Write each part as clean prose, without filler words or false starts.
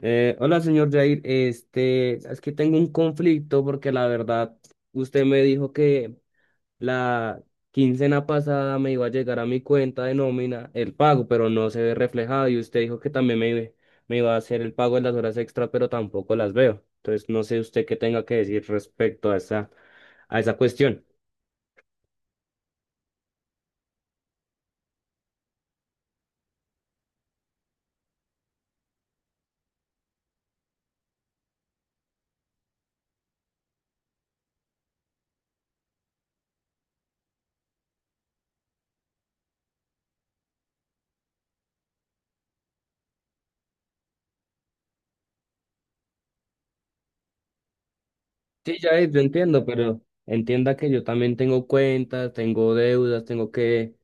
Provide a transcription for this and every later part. Hola, señor Jair. Este, es que tengo un conflicto porque la verdad, usted me dijo que la quincena pasada me iba a llegar a mi cuenta de nómina el pago, pero no se ve reflejado. Y usted dijo que también me iba a hacer el pago de las horas extra, pero tampoco las veo. Entonces, no sé usted qué tenga que decir respecto a esa cuestión. Sí, Jair, yo entiendo, pero entienda que yo también tengo cuentas, tengo deudas, tengo que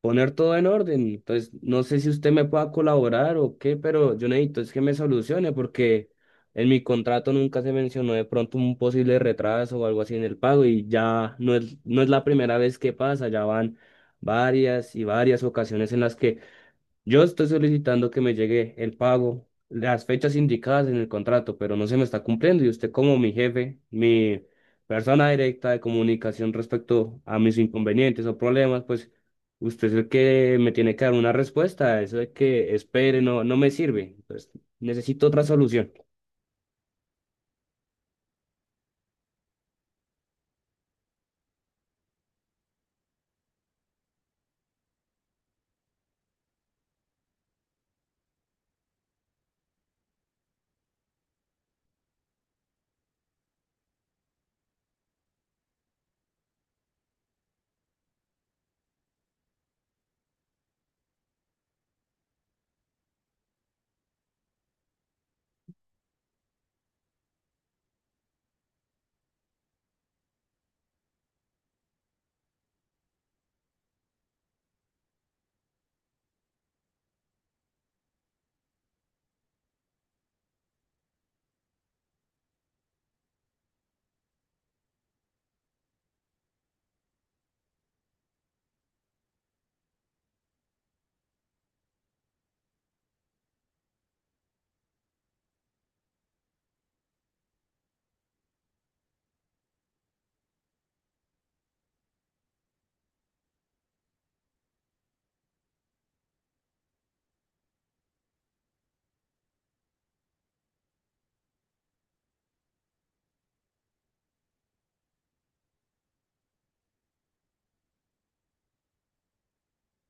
poner todo en orden. Entonces, no sé si usted me pueda colaborar o qué, pero yo necesito es que me solucione porque en mi contrato nunca se mencionó de pronto un posible retraso o algo así en el pago y ya no es la primera vez que pasa, ya van varias y varias ocasiones en las que yo estoy solicitando que me llegue el pago, las fechas indicadas en el contrato, pero no se me está cumpliendo y usted como mi jefe, mi persona directa de comunicación respecto a mis inconvenientes o problemas, pues usted es el que me tiene que dar una respuesta, eso de que espere no me sirve, pues necesito otra solución.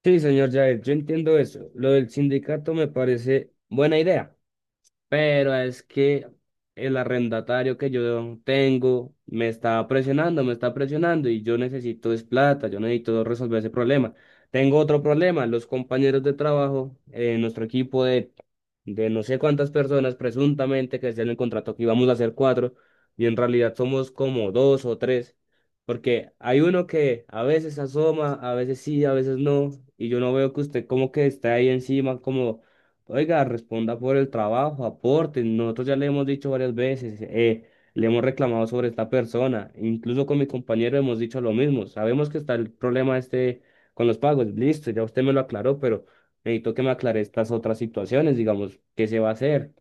Sí, señor Jair, yo entiendo eso. Lo del sindicato me parece buena idea. Pero es que el arrendatario que yo tengo me está presionando y yo necesito es plata, yo necesito resolver ese problema. Tengo otro problema, los compañeros de trabajo, nuestro equipo de no sé cuántas personas, presuntamente que decían en el contrato que íbamos a ser cuatro y en realidad somos como dos o tres, porque hay uno que a veces asoma, a veces sí, a veces no, y yo no veo que usted como que está ahí encima, como oiga, responda por el trabajo, aporte. Nosotros ya le hemos dicho varias veces, le hemos reclamado sobre esta persona. Incluso con mi compañero hemos dicho lo mismo. Sabemos que está el problema este con los pagos. Listo, ya usted me lo aclaró, pero necesito que me aclare estas otras situaciones, digamos, ¿qué se va a hacer?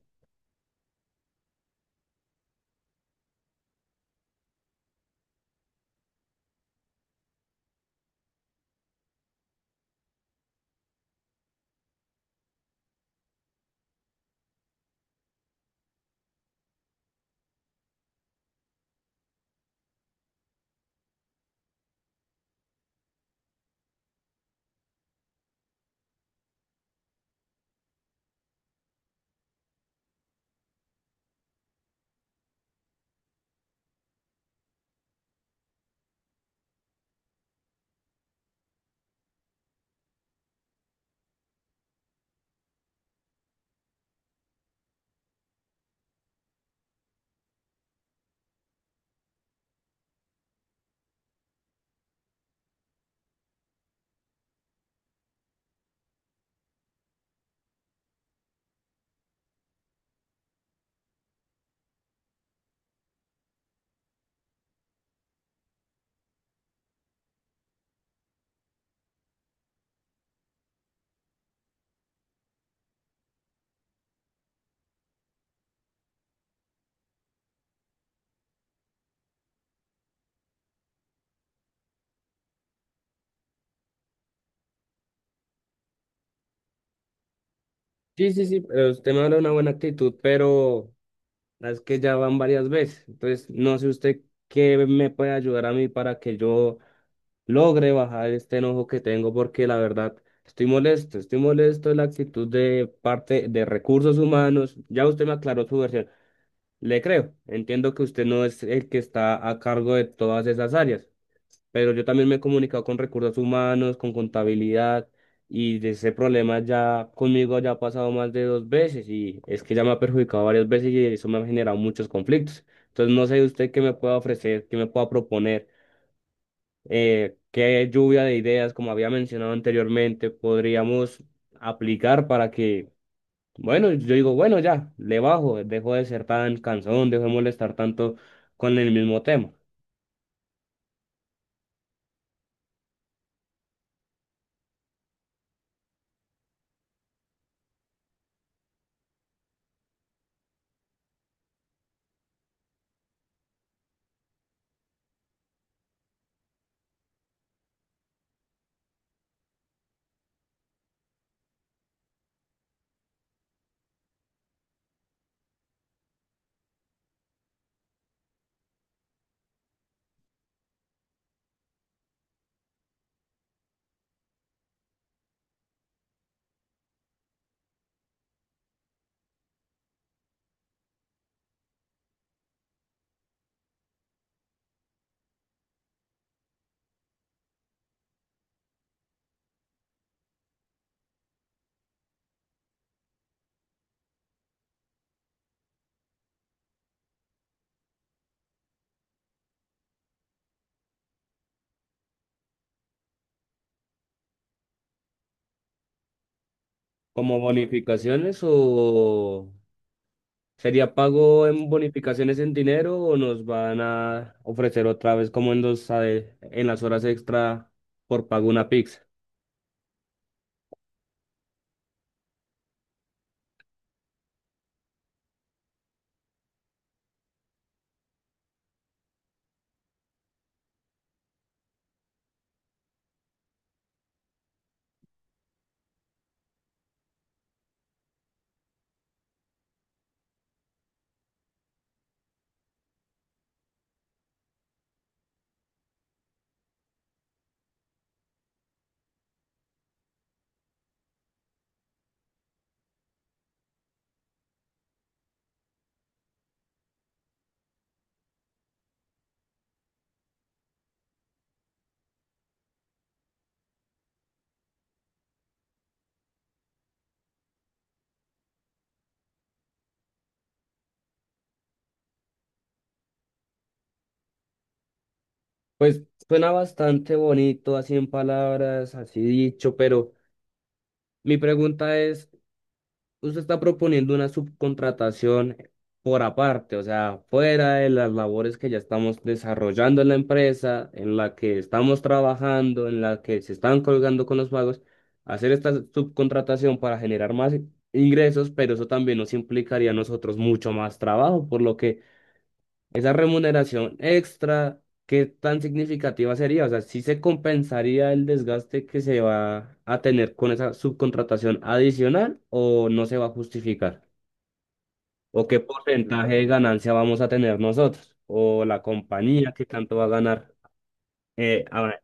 Sí, sí, sí, pero usted me habla de una buena actitud, pero es que ya van varias veces. Entonces, no sé usted qué me puede ayudar a mí para que yo logre bajar este enojo que tengo porque la verdad estoy molesto de la actitud de parte de recursos humanos. Ya usted me aclaró su versión. Le creo, entiendo que usted no es el que está a cargo de todas esas áreas, pero yo también me he comunicado con recursos humanos, con contabilidad y de ese problema ya conmigo ya ha pasado más de dos veces y es que ya me ha perjudicado varias veces y eso me ha generado muchos conflictos. Entonces no sé usted qué me pueda ofrecer, qué me pueda proponer qué lluvia de ideas, como había mencionado anteriormente, podríamos aplicar para que, bueno, yo digo, bueno, ya, le bajo, dejo de ser tan cansón, dejo de molestar tanto con el mismo tema. ¿Como bonificaciones o sería pago en bonificaciones en dinero o nos van a ofrecer otra vez como en en las horas extra por pago una pizza? Pues suena bastante bonito así en palabras, así dicho, pero mi pregunta es. Usted está proponiendo una subcontratación por aparte, o sea, fuera de las labores que ya estamos desarrollando en la empresa, en la que estamos trabajando, en la que se están colgando con los pagos, hacer esta subcontratación para generar más ingresos, pero eso también nos implicaría a nosotros mucho más trabajo, por lo que esa remuneración extra, ¿qué tan significativa sería? O sea, ¿si se compensaría el desgaste que se va a tener con esa subcontratación adicional o no se va a justificar? ¿O qué porcentaje de ganancia vamos a tener nosotros? ¿O la compañía qué tanto va a ganar? Ahora,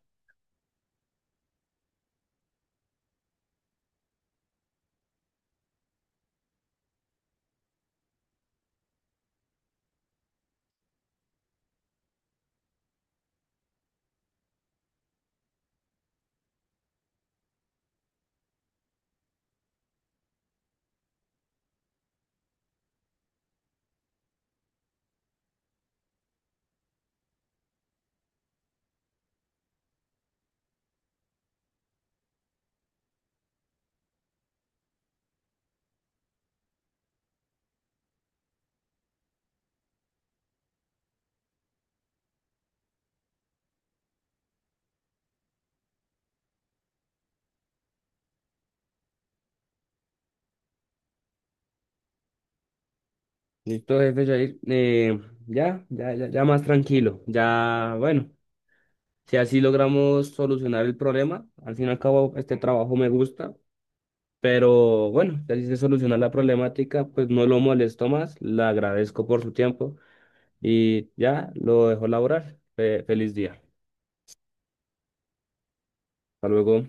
listo, jefe Jair. Ya, ya, ya, ya más tranquilo. Ya, bueno, si así logramos solucionar el problema, al fin y al cabo este trabajo me gusta. Pero bueno, así se soluciona la problemática, pues no lo molesto más, le agradezco por su tiempo y ya lo dejo laborar. Feliz día. Hasta luego.